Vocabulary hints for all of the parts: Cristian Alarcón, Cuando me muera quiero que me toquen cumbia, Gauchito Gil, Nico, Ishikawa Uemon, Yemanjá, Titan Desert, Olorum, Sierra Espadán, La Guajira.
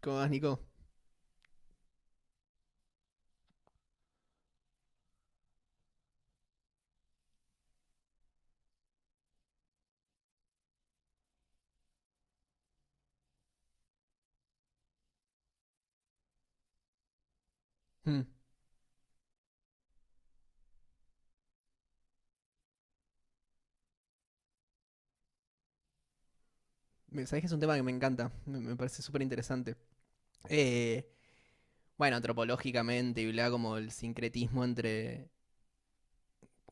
¿Cómo vas, Nico? Hmm. Sabés que es un tema que me encanta, me parece súper interesante. Eh, bueno, antropológicamente y bla, como el sincretismo entre,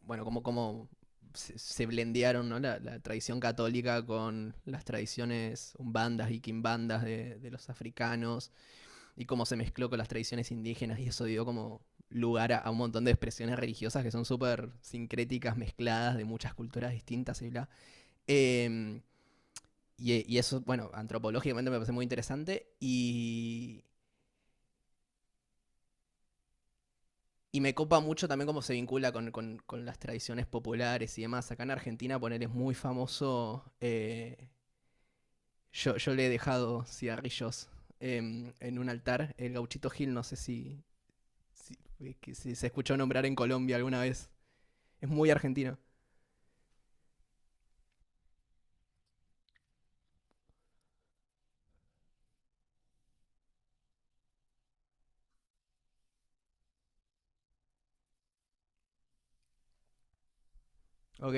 bueno, como se blendearon ¿no? la tradición católica con las tradiciones umbandas y quimbandas de los africanos y cómo se mezcló con las tradiciones indígenas y eso dio como lugar a un montón de expresiones religiosas que son súper sincréticas, mezcladas de muchas culturas distintas y bla. Em, y eso, bueno, antropológicamente me parece muy interesante y me copa mucho también cómo se vincula con, con las tradiciones populares y demás. Acá en Argentina, poner es muy famoso. Yo le he dejado cigarrillos en un altar. El gauchito Gil, no sé si, si se escuchó nombrar en Colombia alguna vez. Es muy argentino. Ok.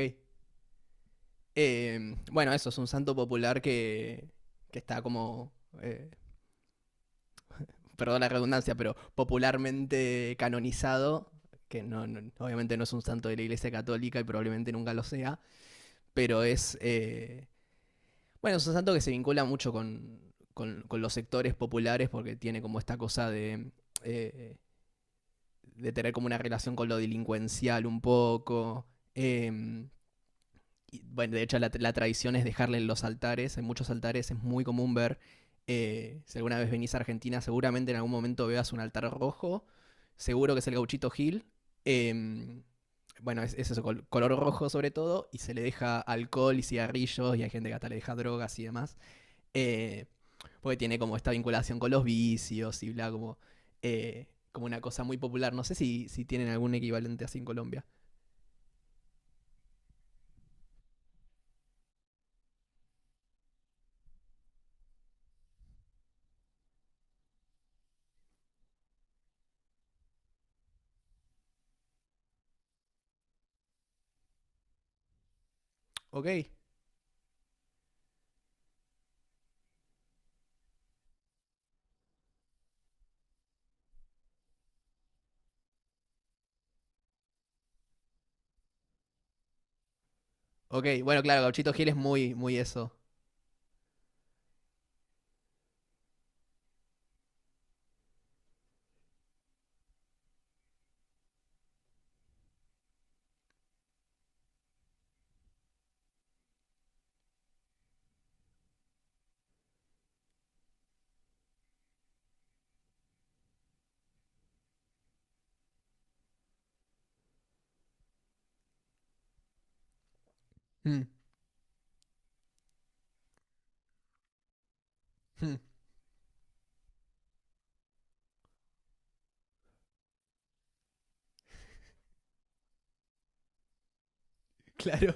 Bueno, eso es un santo popular que está como eh, perdón la redundancia, pero popularmente canonizado, que obviamente no es un santo de la Iglesia Católica y probablemente nunca lo sea, pero es, bueno, es un santo que se vincula mucho con, con los sectores populares porque tiene como esta cosa eh, de tener como una relación con lo delincuencial un poco. eh, y, bueno, de hecho la tradición es dejarle en los altares, en muchos altares es muy común ver, si alguna vez venís a Argentina, seguramente en algún momento veas un altar rojo, seguro que es el gauchito Gil, eh, bueno, es eso, color rojo sobre todo, y se le deja alcohol y cigarrillos, y hay gente que hasta le deja drogas y demás, eh, porque tiene como esta vinculación con los vicios y bla, como, eh, como una cosa muy popular, no sé si, si tienen algún equivalente así en Colombia. Ok, ok, bueno, claro, Gauchito Gil es muy, muy eso. Mm, mm. Claro.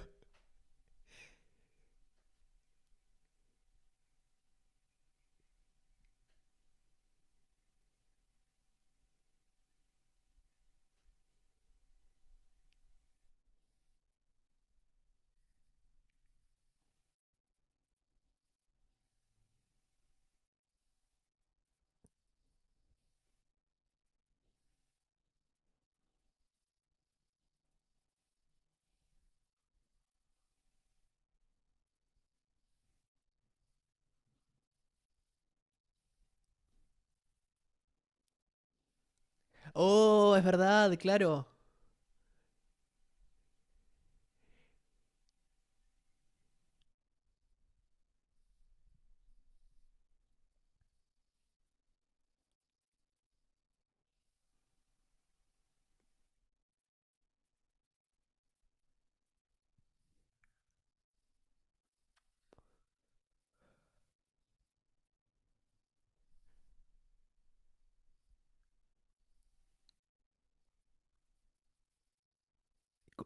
Oh, es verdad, claro.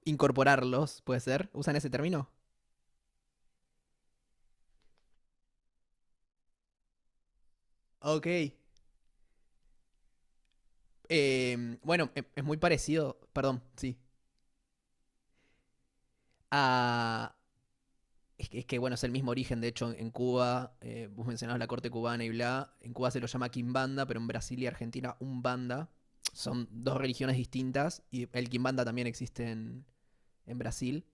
¿Incorporarlos, puede ser? ¿Usan ese término? Ok. Bueno, es muy parecido, perdón, sí. A... Es que, bueno, es el mismo origen, de hecho, en Cuba, vos mencionabas la corte cubana y bla, en Cuba se lo llama quimbanda, pero en Brasil y Argentina umbanda. Son dos religiones distintas y el quimbanda también existe en Brasil.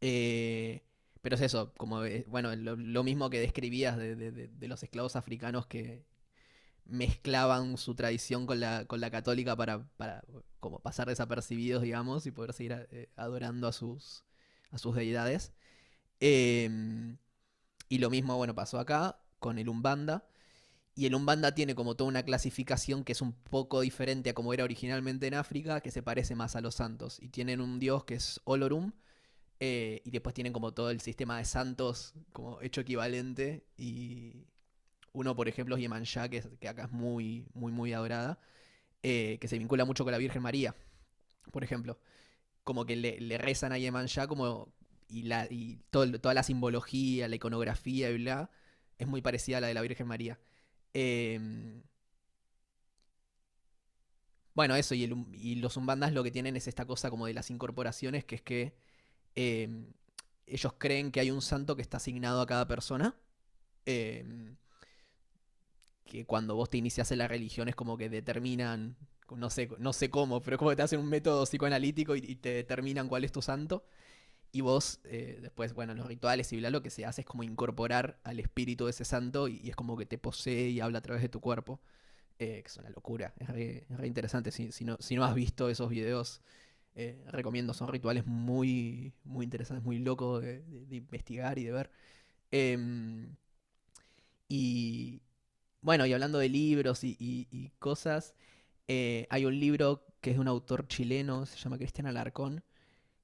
Eh, pero es eso, como bueno, lo mismo que describías de, de los esclavos africanos que mezclaban su tradición con la católica para como pasar desapercibidos, digamos, y poder seguir adorando a sus deidades. Eh, y lo mismo, bueno, pasó acá con el Umbanda. Y el Umbanda tiene como toda una clasificación que es un poco diferente a como era originalmente en África, que se parece más a los santos. Y tienen un dios que es Olorum, y después tienen como todo el sistema de santos como hecho equivalente. Y uno, por ejemplo, es Yemanjá, que acá es muy, muy, muy adorada, que se vincula mucho con la Virgen María, por ejemplo. Como que le rezan a Yemanjá como, y, la, y todo toda la simbología, la iconografía y bla, es muy parecida a la de la Virgen María. Eh, bueno, eso, y, y los umbandas lo que tienen es esta cosa como de las incorporaciones, que es que eh, ellos creen que hay un santo que está asignado a cada persona eh, que cuando vos te inicias en la religión es como que determinan, no sé, no sé cómo, pero como que te hacen un método psicoanalítico y te determinan cuál es tu santo. Y vos, después, bueno, los rituales y bla, lo que se hace es como incorporar al espíritu de ese santo y es como que te posee y habla a través de tu cuerpo. Que es una locura, es re interesante. Si, si, no, si no has visto esos videos, recomiendo. Son rituales muy, muy interesantes, muy locos de, de investigar y de ver. Em, Y bueno, y hablando de libros y, y cosas, hay un libro que es de un autor chileno, se llama Cristian Alarcón,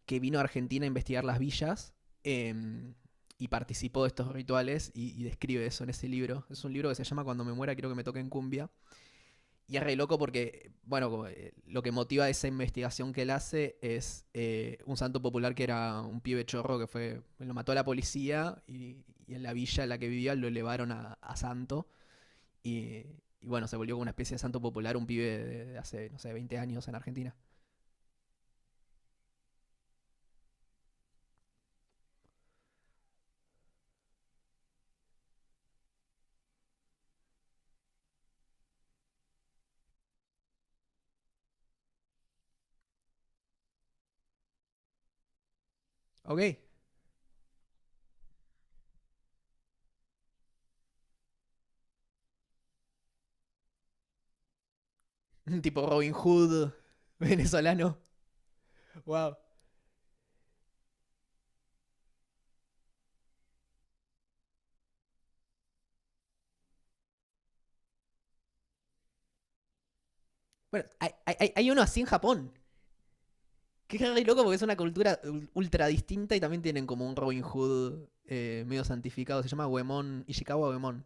que vino a Argentina a investigar las villas em, y participó de estos rituales y describe eso en ese libro. Es un libro que se llama Cuando me muera quiero que me toquen cumbia. Y es re loco porque, bueno, como, lo que motiva esa investigación que él hace es un santo popular que era un pibe chorro que fue, lo mató a la policía y en la villa en la que vivía lo elevaron a santo. Y, y bueno, se volvió como una especie de santo popular un pibe de hace, no sé, 20 años en Argentina. Ok. Tipo Robin Hood venezolano. Wow. Bueno, hay, hay uno así en Japón. Que es re loco porque es una cultura ultra distinta y también tienen como un Robin Hood medio santificado. Se llama Uemon, Ishikawa Uemon.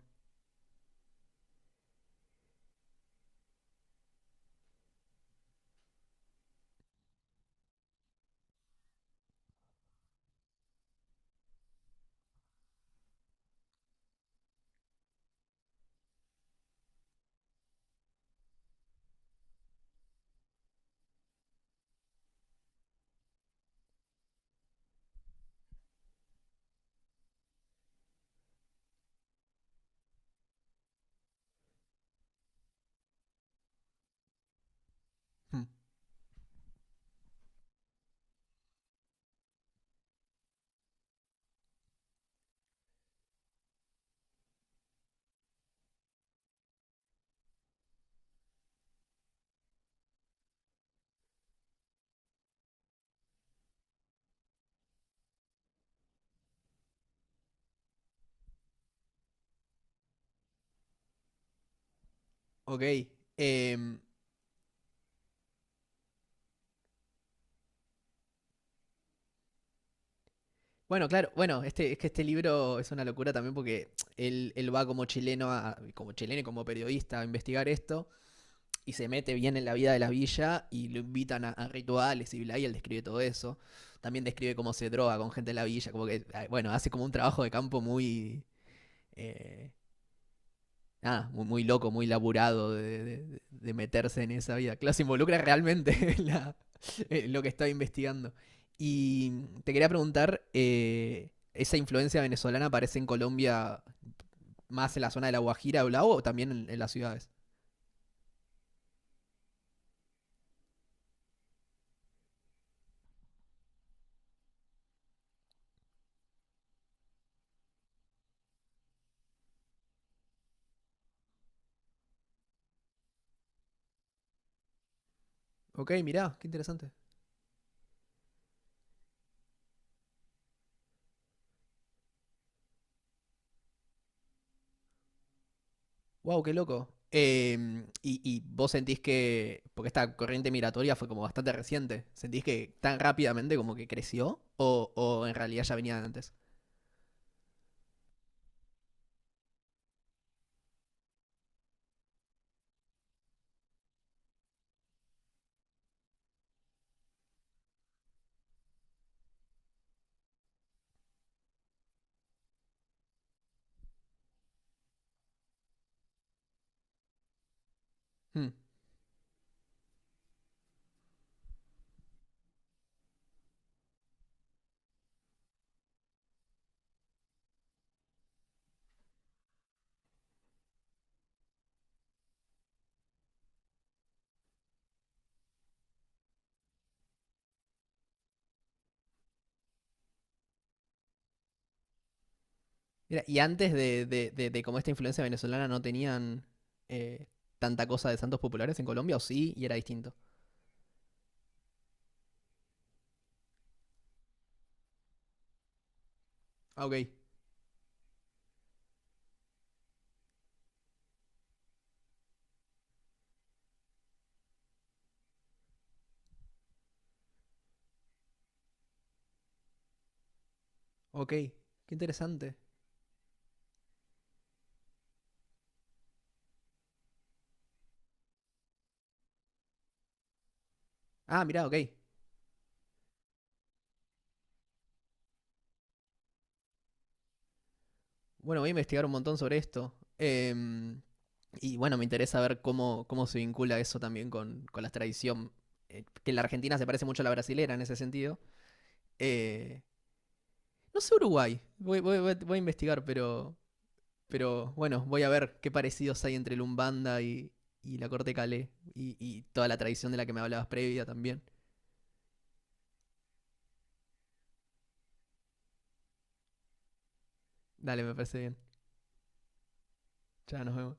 Hmm. Ok. Em, bueno, claro, bueno, este, es que este libro es una locura también porque él va como chileno, como chileno y como periodista a investigar esto. Y se mete bien en la vida de la villa y lo invitan a rituales y bla, y él describe todo eso. También describe cómo se droga con gente de la villa, como que, ah, bueno, hace como un trabajo de campo muy, eh, nada, muy, muy loco, muy laburado de, de meterse en esa vida. Claro, se involucra realmente en, la- en lo que está investigando. Y te quería preguntar, ¿esa influencia venezolana aparece en Colombia más en la zona de La Guajira o Blau o también en las ciudades? Ok, mirá, qué interesante. Wow, qué loco. Y, y vos sentís que, porque esta corriente migratoria fue como bastante reciente, ¿sentís que tan rápidamente como que creció o en realidad ya venía de antes? Hmm. Mira, y antes de, de como esta influencia venezolana no tenían eh, tanta cosa de santos populares en Colombia, o sí, y era distinto. Ah, ok, ok, qué interesante. Ah, mira, ok. Bueno, voy a investigar un montón sobre esto. Y bueno, me interesa ver cómo, cómo se vincula eso también con la tradición. Eh, que en la Argentina se parece mucho a la brasilera en ese sentido. Eh, no sé Uruguay. Voy, voy a investigar, pero. Pero bueno, voy a ver qué parecidos hay entre el Umbanda y la corte calé. Y toda la tradición de la que me hablabas previa también. Dale, me parece bien. Ya nos vemos.